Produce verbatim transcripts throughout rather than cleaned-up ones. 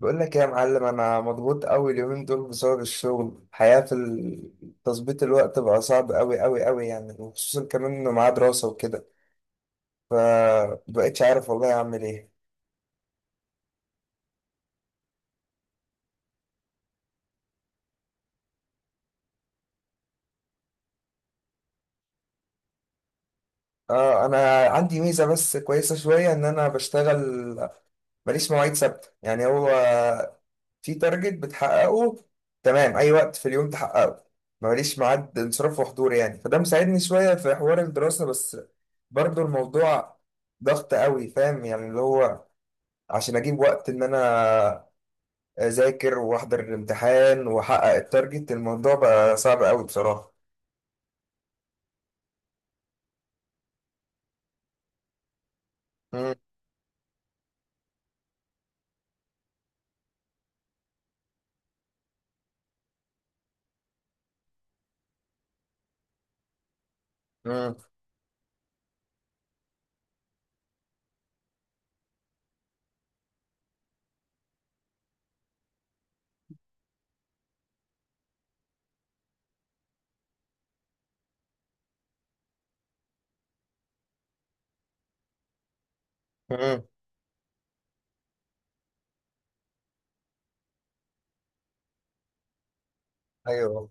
بقول لك إيه يا معلم، انا مضغوط قوي اليومين دول بسبب الشغل. الحياة في ال- تظبيط الوقت بقى صعب قوي قوي قوي يعني، وخصوصا كمان انه معاه دراسة وكده. فبقيتش عارف والله اعمل ايه. اه انا عندي ميزه بس كويسه شويه، ان انا بشتغل ماليش مواعيد ثابته. يعني هو في تارجت بتحققه تمام، اي وقت في اليوم تحققه، ماليش ميعاد انصراف وحضور. يعني فده مساعدني شويه في حوار الدراسه، بس برضو الموضوع ضغط قوي فاهم؟ يعني اللي هو عشان اجيب وقت ان انا اذاكر واحضر الامتحان واحقق التارجت، الموضوع بقى صعب قوي بصراحه. مم، مم، مم. ايوه.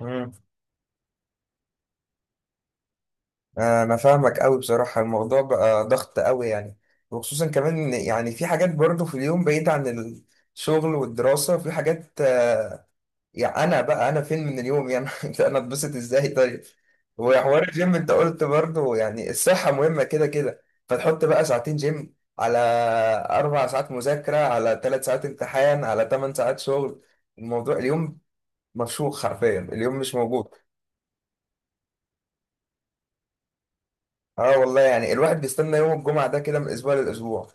مم. انا فاهمك قوي بصراحه، الموضوع بقى ضغط قوي يعني. وخصوصا كمان إن يعني في حاجات برضه في اليوم بعيد عن الشغل والدراسه، في حاجات آه، يعني انا بقى انا فين من اليوم يعني انا اتبسط ازاي طيب؟ وحوار الجيم انت قلت برضه يعني الصحه مهمه كده كده. فتحط بقى ساعتين جيم على اربع ساعات مذاكره على ثلاث ساعات امتحان على ثمان ساعات شغل. الموضوع اليوم مفشوخ حرفيا، اليوم مش موجود. اه والله، يعني الواحد بيستنى يوم الجمعه ده كده من اسبوع لاسبوع.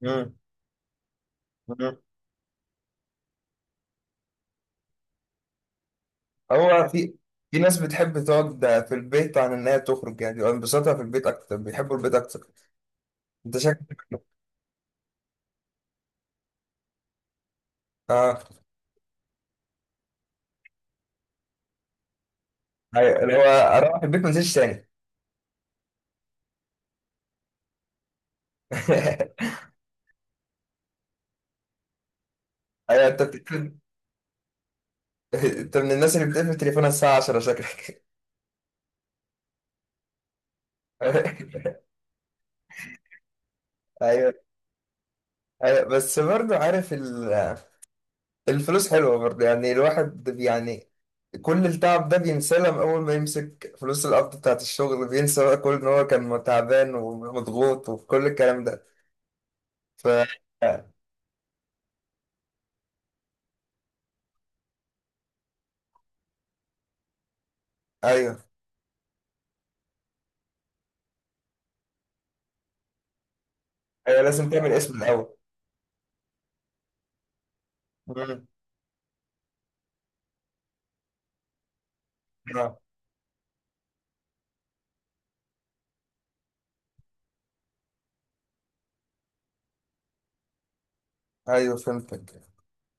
مم. مم. هو في في ناس بتحب تقعد في البيت عن ان هي تخرج، يعني بيبقى انبساطها في البيت اكتر، بيحبوا البيت اكتر. انت شكلك. اه. ايوه، اللي هو اروح البيت ما انزلش تاني. ايوه انت بتقفل. انت من الناس اللي بتقفل تليفونها الساعه عشرة شكلك. ايوه. ايوه بس برضه عارف ال... الفلوس حلوه برضه يعني، الواحد يعني كل التعب ده بينساه لما اول ما يمسك فلوس القبض بتاعت الشغل، بينسى بقى كل ان هو كان تعبان ومضغوط وكل الكلام ده. ف ايوه. ايوه لازم تعمل اسم الاول. مم. اه. ايوه فهمتك.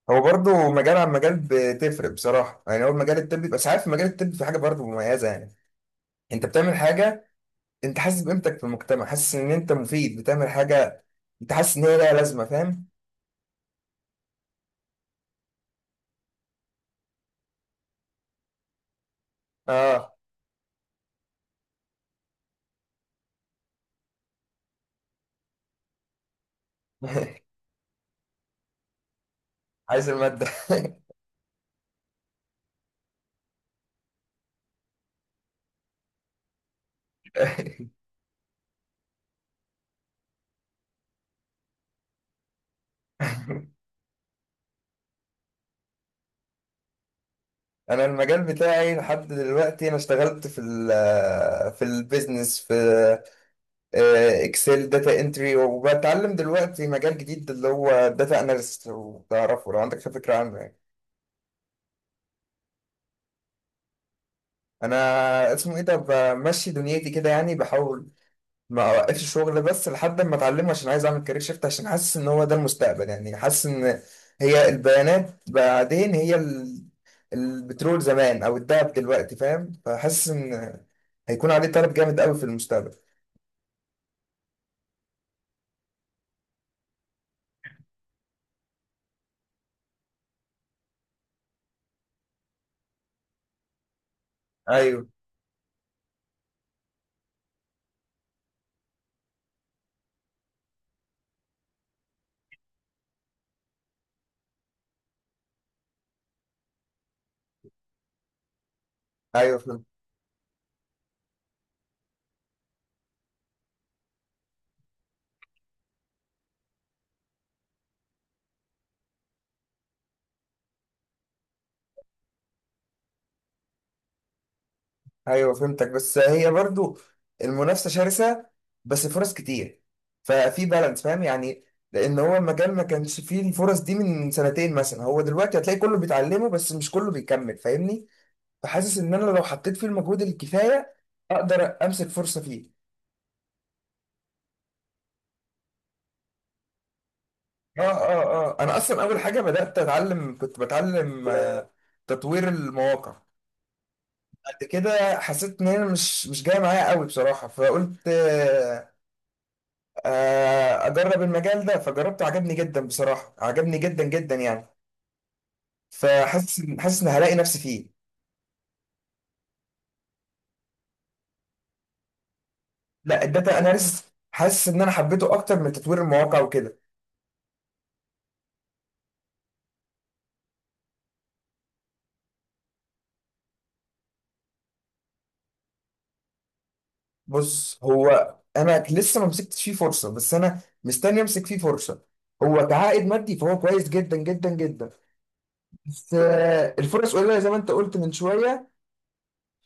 هو برضو مجال عن مجال بتفرق بصراحه، يعني هو مجال الطب، بس عارف مجال الطب في حاجه برضو مميزه يعني، انت بتعمل حاجه، انت حاسس بقيمتك في المجتمع، حاسس ان انت مفيد، بتعمل حاجه، انت حاسس ان هي لها لازمه فاهم؟ اه. عايز الماده. انا المجال بتاعي لحد دلوقتي انا اشتغلت في ال في البيزنس، في اكسل داتا انتري، وبتعلم دلوقتي مجال جديد اللي هو داتا اناليست. وتعرفه لو عندك فكره عنه يعني؟ انا اسمه ايه ده، بمشي دنيتي كده يعني، بحاول ما اوقفش الشغل بس لحد ما اتعلمه، عشان عايز اعمل كارير شيفت، عشان حاسس ان هو ده المستقبل يعني. حاسس ان هي البيانات بعدين هي ال- البترول زمان او الذهب دلوقتي فاهم؟ فحاسس ان هيكون عليه طلب جامد قوي في المستقبل. ايوه. ايوه. ايوه فهمتك، بس هي برضو المنافسه شرسه، بس فرص كتير، ففي بالانس فاهم يعني. لان هو المجال ما كانش فيه الفرص دي من سنتين مثلا، هو دلوقتي هتلاقي كله بيتعلمه بس مش كله بيكمل فاهمني؟ فحاسس ان انا لو حطيت فيه المجهود الكفايه اقدر امسك فرصه فيه. اه. اه. اه انا اصلا اول حاجه بدات اتعلم، كنت بتعلم آه، تطوير المواقع. بعد كده حسيت ان انا مش مش جايه معايا قوي بصراحه، فقلت آه، اجرب المجال ده، فجربته عجبني جدا بصراحه، عجبني جدا جدا يعني. فحاسس إن- حاسس ان هلاقي نفسي فيه. لا، الداتا اناليسيس. حاسس ان انا حبيته اكتر من تطوير المواقع وكده. بص هو انا لسه ما مسكتش فيه فرصه، بس انا مستني امسك فيه فرصه. هو كعائد مادي فهو كويس جدا جدا جدا. بس آه، الفرص قليله زي ما انت قلت من شويه.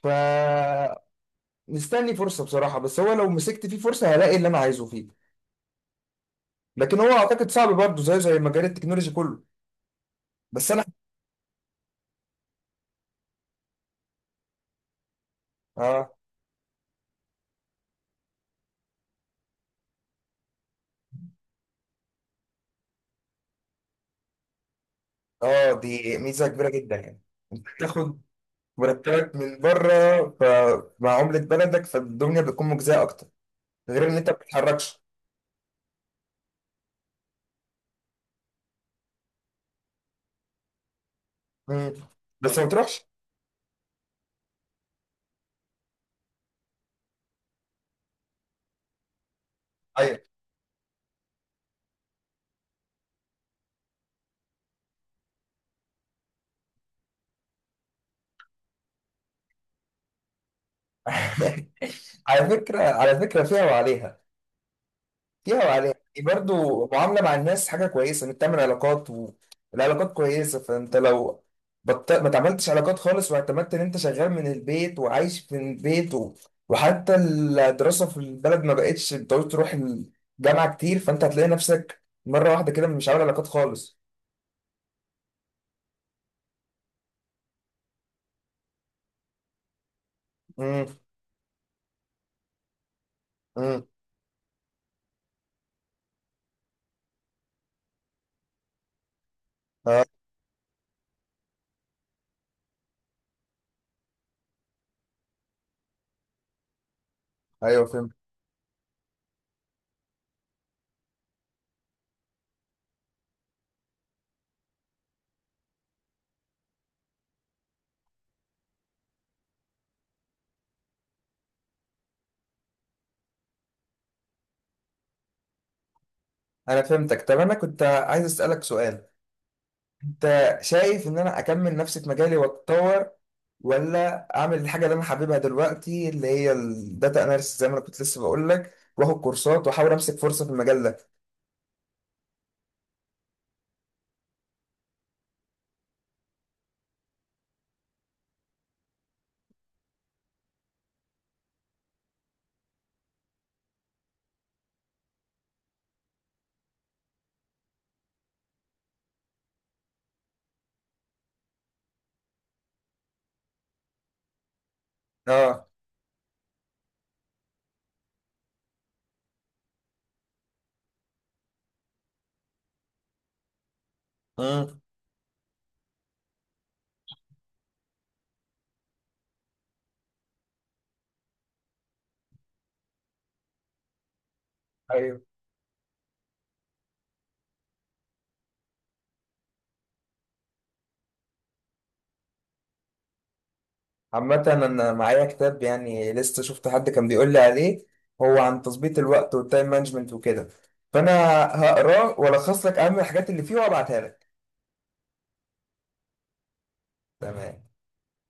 فمستني فرصه بصراحه، بس هو لو مسكت فيه فرصه هلاقي اللي انا عايزه فيه. لكن هو اعتقد صعب برضه، زيه زي مجال التكنولوجي كله. بس انا. اه. اه دي ميزه كبيره جدا يعني. انت بتاخد مرتبك من بره، فمع عمله بلدك فالدنيا بتكون مجزيه اكتر، غير ان انت ما بتتحركش. مم. بس ما بتروحش. ايوه. على فكره، على فكره فيها وعليها، فيها وعليها يعني. برضو معاملة مع الناس حاجة كويسة، انك تعمل علاقات، والعلاقات كويسة. فانت لو بط... ما تعملتش علاقات خالص واعتمدت ان انت شغال من البيت وعايش في البيت و... وحتى الدراسة في البلد ما بقتش بتعوز تروح الجامعة كتير، فانت هتلاقي نفسك مرة واحدة كده مش عامل علاقات خالص. امم. امم. اه. ايوه فهمت. انا فهمتك. طب انا كنت عايز اسألك سؤال، انت شايف ان انا اكمل نفسي في مجالي واتطور، ولا اعمل الحاجه اللي انا حاببها دلوقتي اللي هي الداتا اناليسيس، زي ما انا كنت لسه بقول لك واخد كورسات واحاول امسك فرصه في المجال ده؟ اه. امم. ايوه. عامه انا معايا كتاب، يعني لسه شفت حد كان بيقول لي عليه، هو عن تظبيط الوقت والتايم مانجمنت وكده. فانا هقراه والخص لك اهم الحاجات اللي فيه وابعتها لك. تمام.